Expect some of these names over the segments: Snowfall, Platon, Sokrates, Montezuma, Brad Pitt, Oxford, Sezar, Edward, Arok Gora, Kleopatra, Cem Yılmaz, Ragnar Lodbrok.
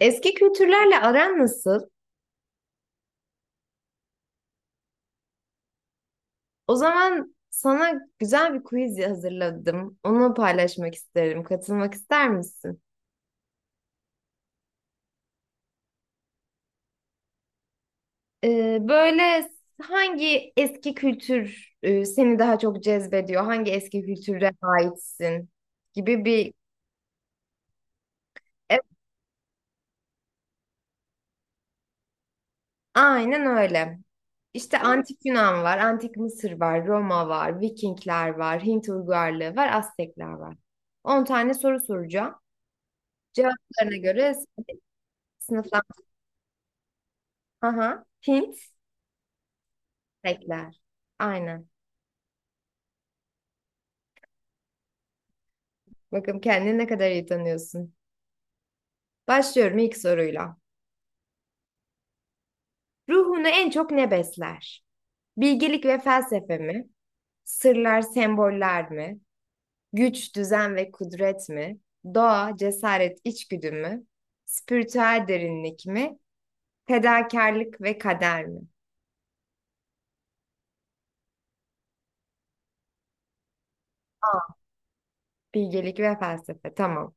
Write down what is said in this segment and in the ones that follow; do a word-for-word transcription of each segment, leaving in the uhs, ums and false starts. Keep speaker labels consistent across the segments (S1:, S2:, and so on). S1: Eski kültürlerle aran nasıl? O zaman sana güzel bir quiz hazırladım. Onu paylaşmak isterim. Katılmak ister misin? Ee, böyle hangi eski kültür e, seni daha çok cezbediyor? Hangi eski kültüre aitsin? Gibi bir... Evet, aynen öyle. İşte antik Yunan var, antik Mısır var, Roma var, Vikingler var, Hint uygarlığı var, Aztekler var. On tane soru soracağım. Cevaplarına göre sınıflandırma. Hint. Bekler. Aynen. Bakın kendini ne kadar iyi tanıyorsun. Başlıyorum ilk soruyla. Ruhunu en çok ne besler? Bilgelik ve felsefe mi? Sırlar, semboller mi? Güç, düzen ve kudret mi? Doğa, cesaret, içgüdü mü? Spiritüel derinlik mi? Fedakarlık ve kader mi? Bilgelik ve felsefe. Tamam.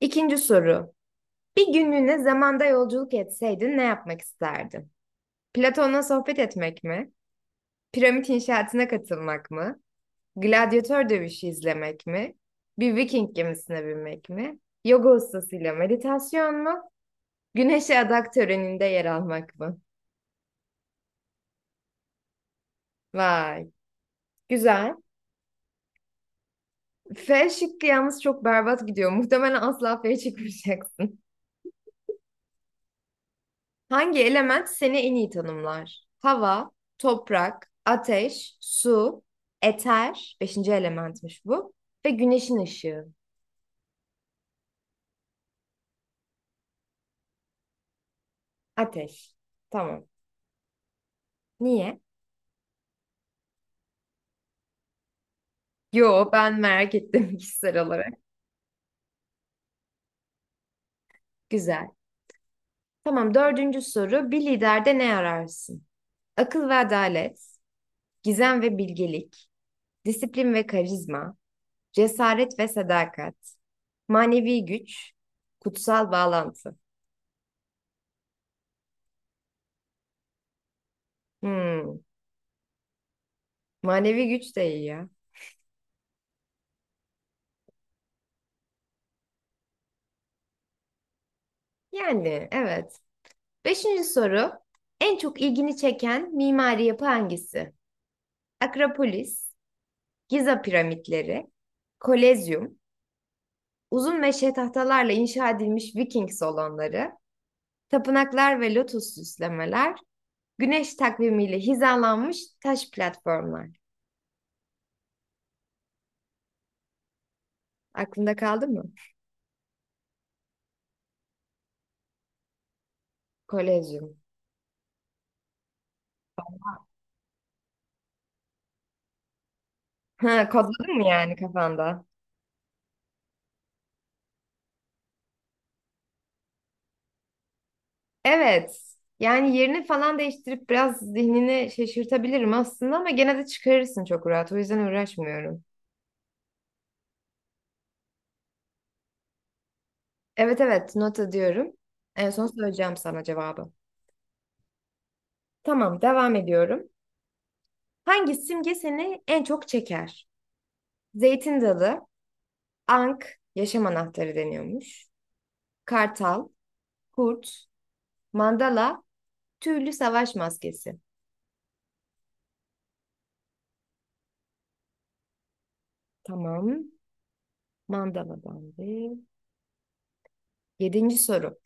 S1: İkinci soru. Bir günlüğüne zamanda yolculuk etseydin ne yapmak isterdin? Platon'la sohbet etmek mi? Piramit inşaatına katılmak mı? Gladyatör dövüşü izlemek mi? Bir Viking gemisine binmek mi? Yoga ustasıyla meditasyon mu? Güneşe adak töreninde yer almak mı? Vay, güzel. F şıkkı yalnız çok berbat gidiyor. Muhtemelen asla F'ye çıkmayacaksın. Hangi element seni en iyi tanımlar? Hava, toprak, ateş, su, eter, beşinci elementmiş bu, ve güneşin ışığı, ateş. Tamam. Niye? Yo ben merak ettim kişisel olarak. Güzel. Tamam, dördüncü soru. Bir liderde ne ararsın? Akıl ve adalet, gizem ve bilgelik, disiplin ve karizma, cesaret ve sadakat, manevi güç, kutsal bağlantı. Hmm, manevi güç de iyi ya. Yani evet. Beşinci soru. En çok ilgini çeken mimari yapı hangisi? Akropolis, Giza piramitleri, Kolezyum, uzun meşe tahtalarla inşa edilmiş Viking salonları, tapınaklar ve lotus süslemeler, güneş takvimiyle hizalanmış taş platformlar. Aklında kaldı mı? Kolezyum. Ha, kodladın mı yani kafanda? Evet. Yani yerini falan değiştirip biraz zihnini şaşırtabilirim aslında ama gene de çıkarırsın çok rahat. O yüzden uğraşmıyorum. Evet, evet, nota diyorum. En son söyleyeceğim sana cevabı. Tamam, devam ediyorum. Hangi simge seni en çok çeker? Zeytin dalı, Ank yaşam anahtarı deniyormuş. Kartal, kurt, mandala, tüylü savaş maskesi. Tamam. Mandaladan bir. Yedinci soru.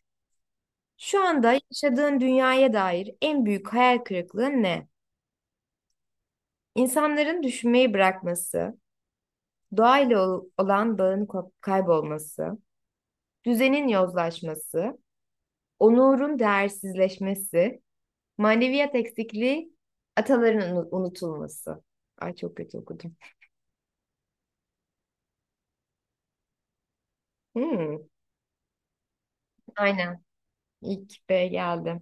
S1: Şu anda yaşadığın dünyaya dair en büyük hayal kırıklığı ne? İnsanların düşünmeyi bırakması, doğayla ol- olan bağın ko- kaybolması, düzenin yozlaşması, onurun değersizleşmesi, maneviyat eksikliği, ataların unu- unutulması. Ay, çok kötü okudum. Hmm. Aynen. İlk B geldi.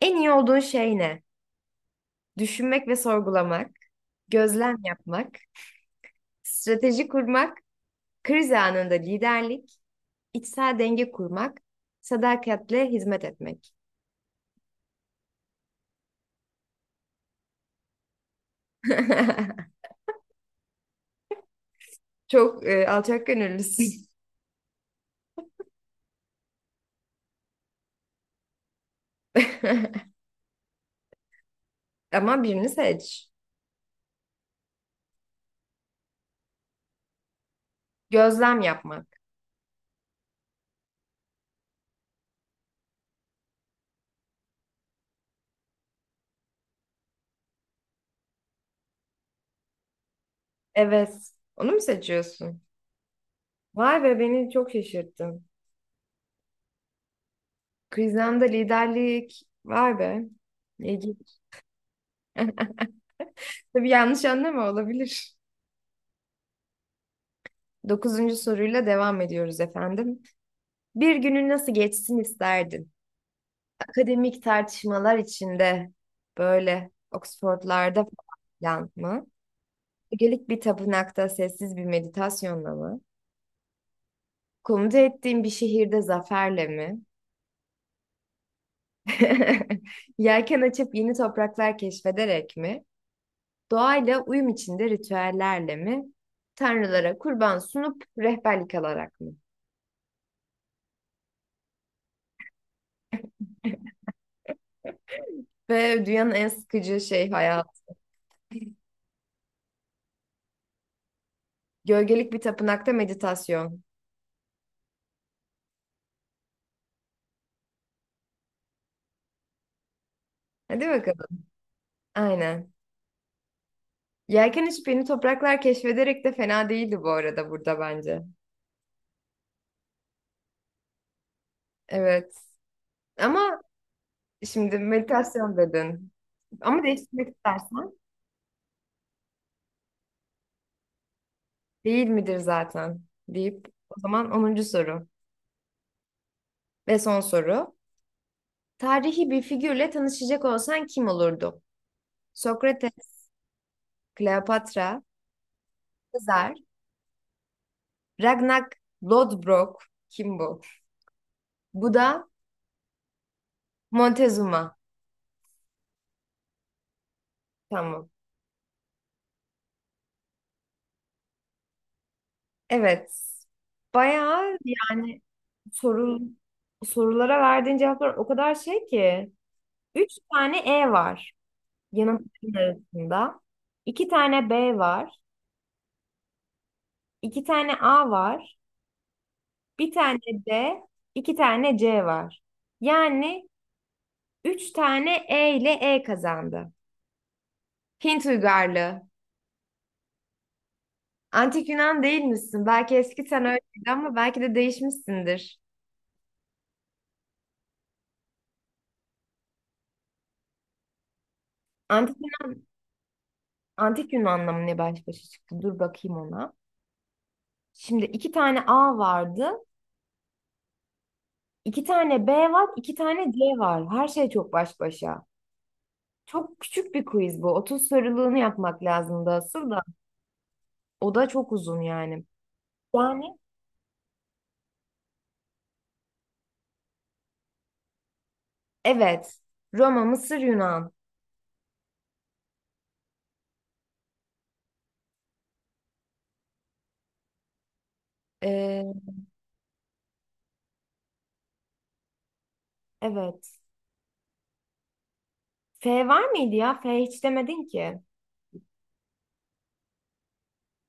S1: En iyi olduğun şey ne? Düşünmek ve sorgulamak, gözlem yapmak, strateji kurmak, kriz anında liderlik, içsel denge kurmak, sadakatle hizmet etmek. Çok e, alçak gönüllüsün. Ama birini seç. Gözlem yapmak. Evet. Onu mu seçiyorsun? Vay be, beni çok şaşırttın. Kriz anında liderlik. Vay be. İlginç. Tabii yanlış anlama olabilir. Dokuzuncu soruyla devam ediyoruz efendim. Bir günün nasıl geçsin isterdin? Akademik tartışmalar içinde, böyle Oxford'larda falan mı? Gelik bir tapınakta sessiz bir meditasyonla mı? Komuta ettiğin bir şehirde zaferle mi? Yelken açıp yeni topraklar keşfederek mi? Doğayla uyum içinde ritüellerle mi? Tanrılara kurban sunup rehberlik alarak mı? Ve dünyanın en sıkıcı şey hayatı. Gölgelik bir tapınakta meditasyon. Hadi bakalım. Aynen. Yelken içi topraklar keşfederek de fena değildi bu arada, burada bence. Evet. Ama şimdi meditasyon dedin. Ama değiştirmek istersen değil midir zaten deyip, o zaman onuncu soru ve son soru. Tarihi bir figürle tanışacak olsan kim olurdu? Sokrates, Kleopatra, Sezar, Ragnar Lodbrok kim bu? Bu da Montezuma. Tamam. Evet. Bayağı yani soru, sorulara verdiğin cevaplar o kadar şey ki. Üç tane E var yanıtların arasında. İki tane B var. İki tane A var. Bir tane D. iki tane C var. Yani üç tane E ile E kazandı. Hint uygarlığı. Antik Yunan değil misin? Belki eski sen öyleydi ama belki de değişmişsindir. Antik, Antik Yunan'la mı ne baş başa çıktı? Dur bakayım ona. Şimdi iki tane A vardı, iki tane B var, iki tane C var. Her şey çok baş başa. Çok küçük bir quiz bu. Otuz soruluğunu yapmak lazımdı asıl da. O da çok uzun yani. Yani evet. Roma, Mısır, Yunan. Ee, evet. F var mıydı ya? F hiç demedin ki.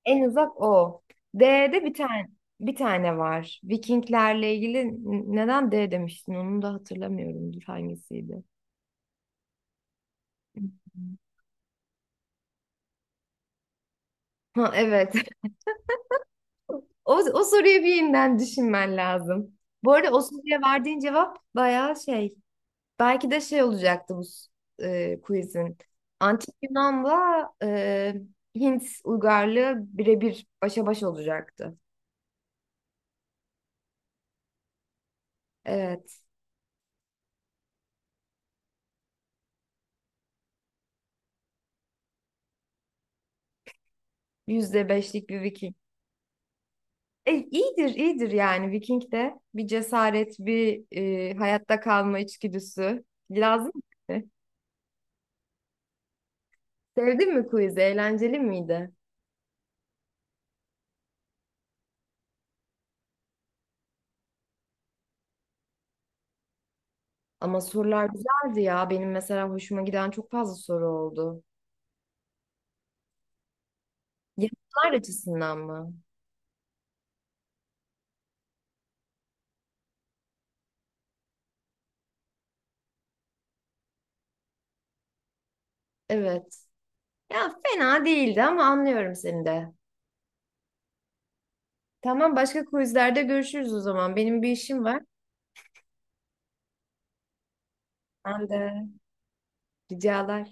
S1: En uzak o. D'de bir tane bir tane var. Vikinglerle ilgili n- neden D demiştin? Onu da hatırlamıyorum. Dur, hangisiydi? Ha evet. O, o soruyu bir yeniden düşünmen lazım. Bu arada o soruya verdiğin cevap bayağı şey. Belki de şey olacaktı bu s- e, quizin. Antik Yunan'la e, Hint uygarlığı birebir başa baş olacaktı. Evet. Yüzde beşlik bir Viking. E, iyidir, iyidir yani Viking de. Bir cesaret, bir e, hayatta kalma içgüdüsü. Lazım mı? Sevdin mi quiz'i? Eğlenceli miydi? Ama sorular güzeldi ya. Benim mesela hoşuma giden çok fazla soru oldu. Yanıtlar açısından mı? Evet. Ya, fena değildi ama anlıyorum seni de. Tamam, başka quizlerde görüşürüz o zaman. Benim bir işim var. Ben de ricalar.